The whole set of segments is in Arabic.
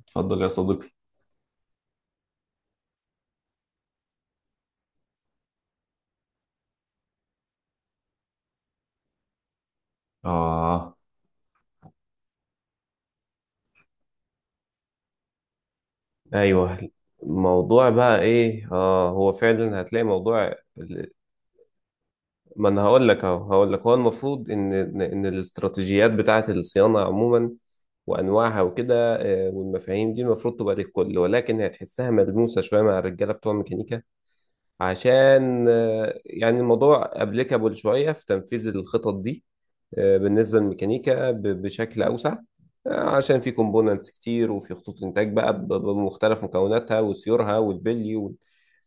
اتفضل يا صديقي. آه أيوه، الموضوع بقى إيه؟ هو فعلا هتلاقي ما أنا هقول لك أهو، هقول لك هو المفروض إن الاستراتيجيات بتاعة الصيانة عموما وأنواعها وكده، والمفاهيم دي المفروض تبقى للكل، ولكن هتحسها ملموسة شوية مع الرجالة بتوع الميكانيكا، عشان يعني الموضوع أبليكابل شوية في تنفيذ الخطط دي، بالنسبة للميكانيكا بشكل أوسع، عشان في كومبوننتس كتير، وفي خطوط إنتاج بقى بمختلف مكوناتها وسيورها والبلي وال-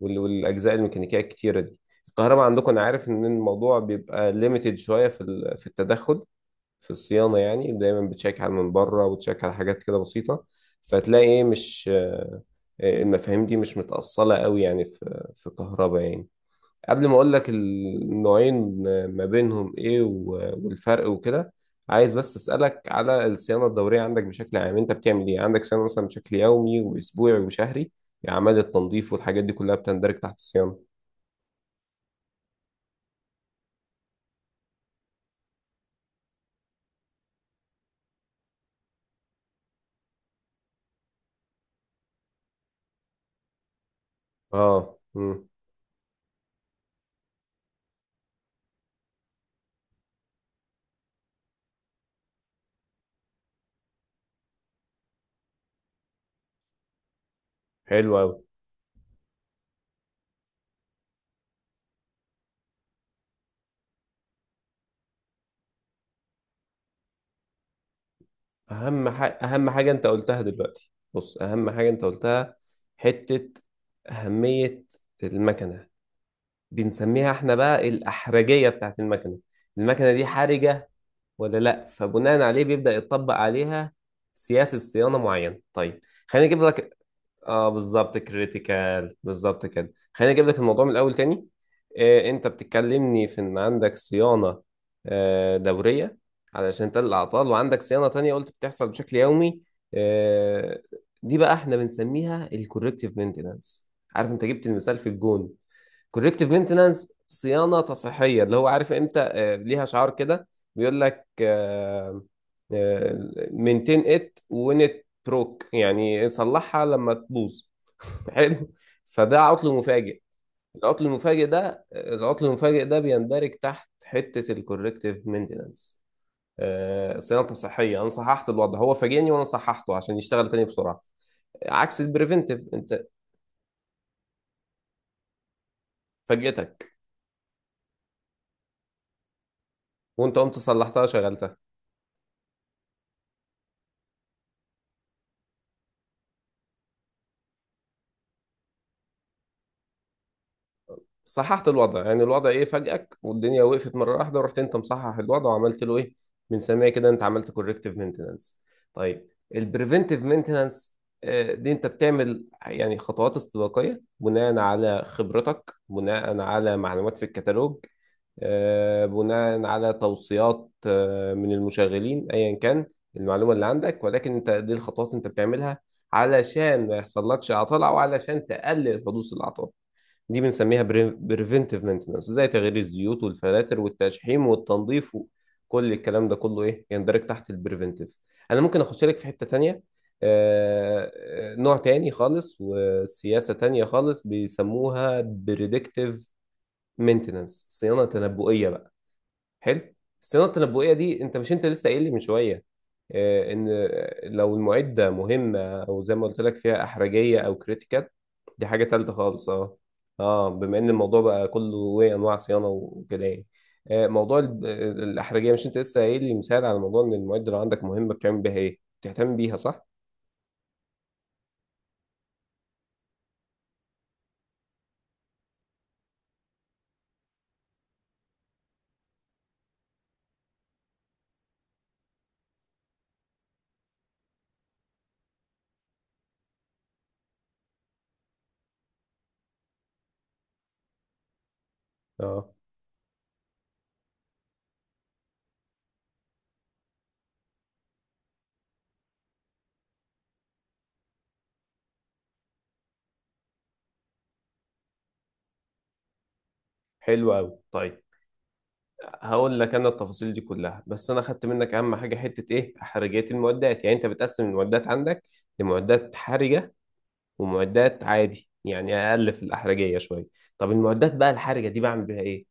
وال- والأجزاء الميكانيكية الكتيرة دي. الكهرباء عندكم أنا عارف إن الموضوع بيبقى ليميتد شوية في التدخل في الصيانة، يعني دايما بتشيك على من بره وتشيك على حاجات كده بسيطة، فتلاقي إيه، مش المفاهيم دي مش متأصلة قوي، يعني في كهرباء يعني. قبل ما اقول لك النوعين ما بينهم ايه والفرق وكده، عايز بس اسالك على الصيانه الدوريه عندك بشكل عام، انت بتعمل ايه عندك؟ صيانه مثلا بشكل يومي واسبوعي وشهري؟ اعمال التنظيف والحاجات دي كلها بتندرج تحت الصيانه؟ اه، حلو قوي. اهم حاجه انت قلتها دلوقتي، بص، اهم حاجه انت قلتها، حته اهميه المكنه، بنسميها احنا بقى الاحرجيه بتاعت المكنه. المكنه دي حرجه ولا لا؟ فبناء عليه بيبدأ يطبق عليها سياسة صيانة معينة. طيب، خليني اجيب لك. اه بالظبط، كريتيكال، بالظبط كده. خليني اجيب لك الموضوع من الاول تاني. انت بتتكلمني في ان عندك صيانة دورية علشان تقلل الاعطال، وعندك صيانة تانية قلت بتحصل بشكل يومي. آه دي بقى احنا بنسميها الكوركتيف مينتنانس. عارف انت جبت المثال في الجون، كوركتيف مينتنانس، صيانه تصحيحيه، اللي هو عارف انت ليها شعار كده بيقول لك مينتين ات وين ات بروك، يعني صلحها لما تبوظ. حلو. فده عطل مفاجئ. العطل المفاجئ ده بيندرج تحت حته الكوركتيف مينتنانس. صيانه تصحيحيه، انا صححت الوضع، هو فاجئني وانا صححته عشان يشتغل تاني بسرعه، عكس البريفنتيف. انت فاجئتك وانت قمت صلحتها شغلتها، صححت الوضع. يعني الوضع ايه؟ فاجئك والدنيا وقفت مره واحده، ورحت انت مصحح الوضع وعملت له ايه؟ من سامعي كده انت عملت كوركتيف مينتنانس. طيب، البريفنتيف مينتنانس دي انت بتعمل يعني خطوات استباقيه بناء على خبرتك، بناء على معلومات في الكتالوج، بناء على توصيات من المشغلين، ايا كان المعلومه اللي عندك. ولكن انت دي الخطوات انت بتعملها علشان ما يحصلكش عطل، او علشان تقلل حدوث الاعطال. دي بنسميها بريفنتيف مينتنانس، زي تغيير الزيوت والفلاتر والتشحيم والتنظيف، وكل الكلام ده كله ايه يندرج تحت البريفنتيف. انا ممكن اخش لك في حتة تانية، نوع تاني خالص وسياسة تانية خالص، بيسموها بريدكتيف مينتنانس، صيانة تنبؤية بقى. حلو. الصيانه التنبؤيه دي انت، مش انت لسه قايل لي من شويه، ان لو المعده مهمه، او زي ما قلت لك فيها احرجيه او كريتيكال؟ دي حاجه تالته خالص، اه. اه، بما ان الموضوع بقى كله ايه انواع صيانه وكده يعني، موضوع الاحرجيه، مش انت لسه قايل لي مثال على موضوع ان المعده لو عندك مهمه بتعمل بيها ايه، بتهتم بيها، صح؟ اه حلو قوي. طيب، هقول لك انا التفاصيل دي كلها، بس انا خدت منك اهم حاجه، حته ايه، احرجيه المعدات. يعني انت بتقسم المعدات عندك لمعدات حرجه ومعدات عادي، يعني اقل في الاحرجيه شويه. طب المعدات بقى الحرجه دي بعمل بيها ايه؟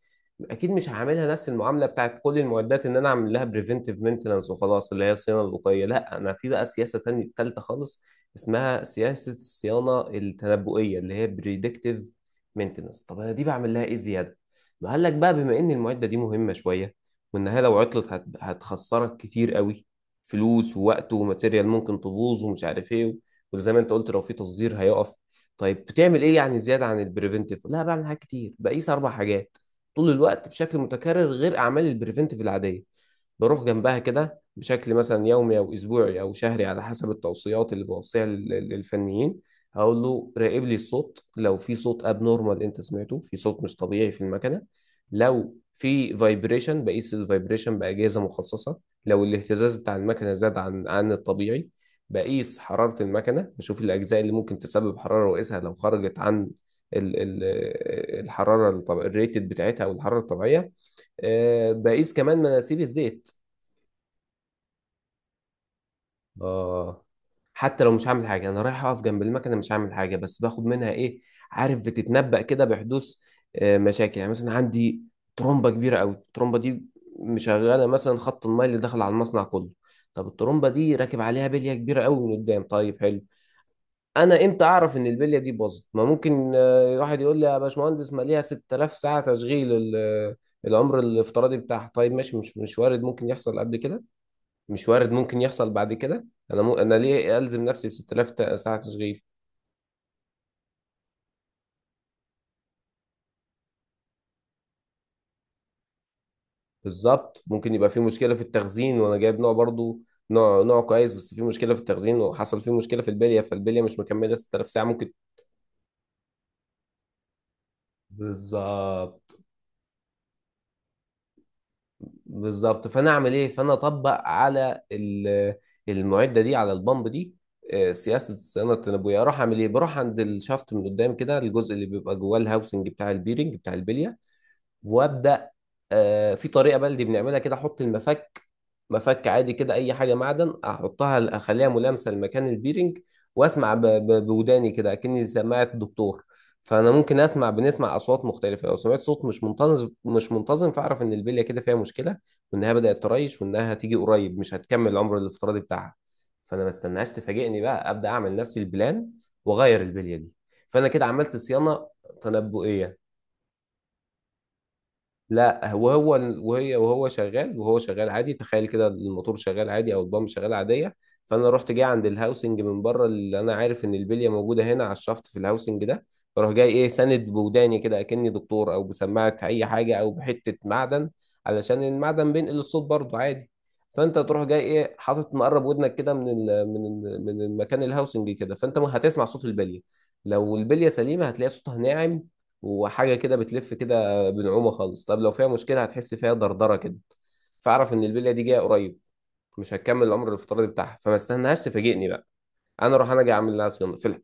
اكيد مش هعملها نفس المعامله بتاعت كل المعدات، ان انا اعمل لها بريفنتيف مينتنانس وخلاص، اللي هي الصيانه الوقائيه. لا، انا في بقى سياسه تانية تالتة خالص اسمها سياسه الصيانه التنبؤيه، اللي هي بريدكتيف مينتنانس. طب انا دي بعمل لها ايه زياده؟ قال لك بقى بما ان المعده دي مهمه شويه، وانها لو عطلت هتخسرك كتير قوي، فلوس ووقت وماتيريال ممكن تبوظ ومش عارف ايه، وزي ما انت قلت لو في تصدير هيقف. طيب بتعمل ايه يعني زياده عن البريفنتيف؟ لا، بعمل حاجات كتير، بقيس اربع حاجات طول الوقت بشكل متكرر غير اعمال البريفنتيف العاديه. بروح جنبها كده بشكل مثلا يومي او اسبوعي او شهري على حسب التوصيات اللي بوصيها للفنيين. هقول له راقب لي الصوت، لو في صوت ابنورمال انت سمعته، في صوت مش طبيعي في المكنه. لو في فايبريشن، بقيس الفايبريشن باجهزه مخصصه. لو الاهتزاز بتاع المكنه زاد عن الطبيعي. بقيس حرارة المكنة، بشوف الأجزاء اللي ممكن تسبب حرارة وأقيسها لو خرجت عن ال- ال- الحرارة، الريتد بتاعتها أو الحرارة الطبيعية. بقيس كمان مناسيب الزيت. آه حتى لو مش هعمل حاجة، أنا رايح أقف جنب المكنة، مش هعمل حاجة، بس باخد منها إيه؟ عارف، بتتنبأ كده بحدوث مشاكل. يعني مثلا عندي ترومبة كبيرة أوي، الترومبة دي مشغلة مثلا خط الماء اللي داخل على المصنع كله. طب الترومبة دي راكب عليها بلية كبيرة أوي من قدام، طيب حلو. انا امتى اعرف ان البليه دي باظت؟ ما ممكن واحد يقول لي يا باشمهندس ما ليها 6000 ساعه تشغيل، العمر الافتراضي بتاعها. طيب ماشي، مش وارد ممكن يحصل قبل كده؟ مش وارد ممكن يحصل بعد كده؟ انا انا ليه الزم نفسي 6000 ساعه تشغيل؟ بالظبط، ممكن يبقى في مشكله في التخزين وانا جايب نوع برضو نوع كويس، بس في مشكله في التخزين، وحصل فيه مشكله في البليه، فالبليه مش مكمله 6000 ساعه، ممكن. بالظبط، بالظبط، فانا اعمل ايه؟ فانا اطبق على المعده دي، على البامب دي، سياسه الصيانه التنابؤيه. اروح اعمل ايه؟ بروح عند الشافت من قدام كده، الجزء اللي بيبقى جواه الهاوسنج بتاع البيرنج بتاع البليه، وابدا في طريقه بلدي بنعملها كده. احط المفك، مفك عادي كده، اي حاجه معدن، احطها اخليها ملامسه لمكان البيرنج، واسمع بوداني كده اكني سماعه الدكتور. فانا ممكن اسمع، بنسمع اصوات مختلفه. لو سمعت صوت مش منتظم، مش منتظم، فاعرف ان البليه كده فيها مشكله، وانها بدات تريش، وانها هتيجي قريب مش هتكمل العمر الافتراضي بتاعها، فانا ما استناش تفاجئني بقى. ابدا اعمل نفسي البلان واغير البليه دي، فانا كده عملت صيانه تنبؤيه. لا، وهو شغال، وهو شغال عادي، تخيل كده، الموتور شغال عادي او البامب شغال عاديه، فانا رحت جاي عند الهاوسنج من بره، اللي انا عارف ان البليه موجوده هنا على الشفط في الهاوسنج ده. فاروح جاي ايه، ساند بوداني كده اكني دكتور، او بسماعه اي حاجه، او بحته معدن، علشان المعدن بينقل الصوت برضه عادي. فانت تروح جاي ايه، حاطط مقرب ودنك كده من ال من ال من المكان، الهاوسنج كده، فانت هتسمع صوت البليه. لو البليه سليمه، هتلاقي صوتها ناعم، وحاجه كده بتلف كده بنعومه خالص. طب لو فيها مشكله، هتحس فيها دردره كده، فاعرف ان البليه دي جايه قريب، مش هتكمل العمر الافتراضي بتاعها، فما استناهاش تفاجئني بقى. انا اروح انا جاي اعمل لها صيانه في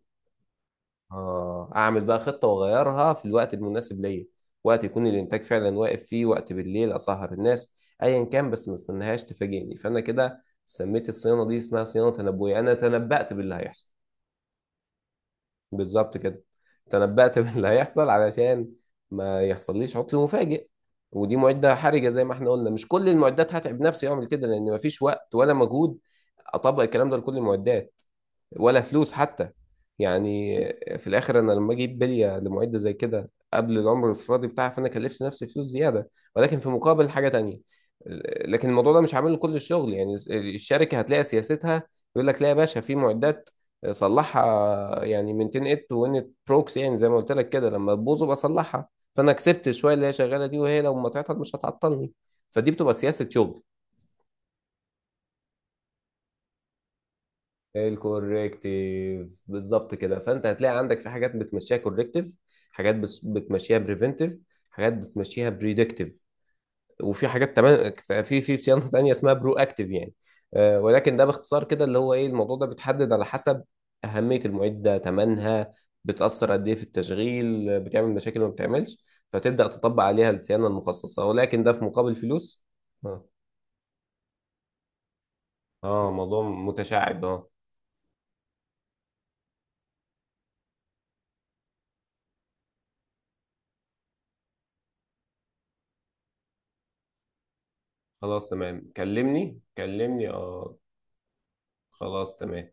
اه، اعمل بقى خطه واغيرها في الوقت المناسب ليا، وقت يكون الانتاج فعلا واقف فيه، وقت بالليل اسهر الناس، ايا كان، بس ما استناهاش تفاجئني. فانا كده سميت الصيانه دي اسمها صيانه تنبؤيه، انا تنبأت باللي هيحصل. بالظبط كده، تنبأت باللي هيحصل علشان ما يحصليش عطل مفاجئ. ودي معدة حرجة زي ما احنا قلنا، مش كل المعدات هتعب نفسي اعمل كده، لان مفيش وقت ولا مجهود اطبق الكلام ده لكل المعدات، ولا فلوس حتى يعني. في الاخر، انا لما اجيب بليه لمعده زي كده قبل العمر الافرادي بتاعها، فانا كلفت نفسي فلوس زياده، ولكن في مقابل حاجه تانية. لكن الموضوع ده مش عامل كل الشغل يعني، الشركه هتلاقي سياستها يقول لك لا يا باشا، في معدات صلحها يعني، من 10 ات وان بروكس، يعني زي ما قلت لك كده، لما تبوظ ابقى اصلحها، فانا كسبت شويه اللي هي شغاله دي، وهي لو ما تعطل مش هتعطلني. فدي بتبقى سياسه شغل الكوركتيف، بالظبط كده. فانت هتلاقي عندك في حاجات بتمشيها كوركتيف، حاجات بتمشيها بريفنتيف، حاجات بتمشيها بريدكتيف، وفي حاجات تمام، في صيانه تانيه اسمها برو اكتيف يعني، ولكن ده باختصار كده اللي هو ايه. الموضوع ده بيتحدد على حسب اهميه المعده، ثمنها، بتاثر قد ايه في التشغيل، بتعمل مشاكل ما بتعملش، فتبدا تطبق عليها الصيانه المخصصه، ولكن ده في مقابل فلوس. اه، موضوع متشعب، اه. خلاص تمام، كلمني، كلمني، اه. خلاص تمام.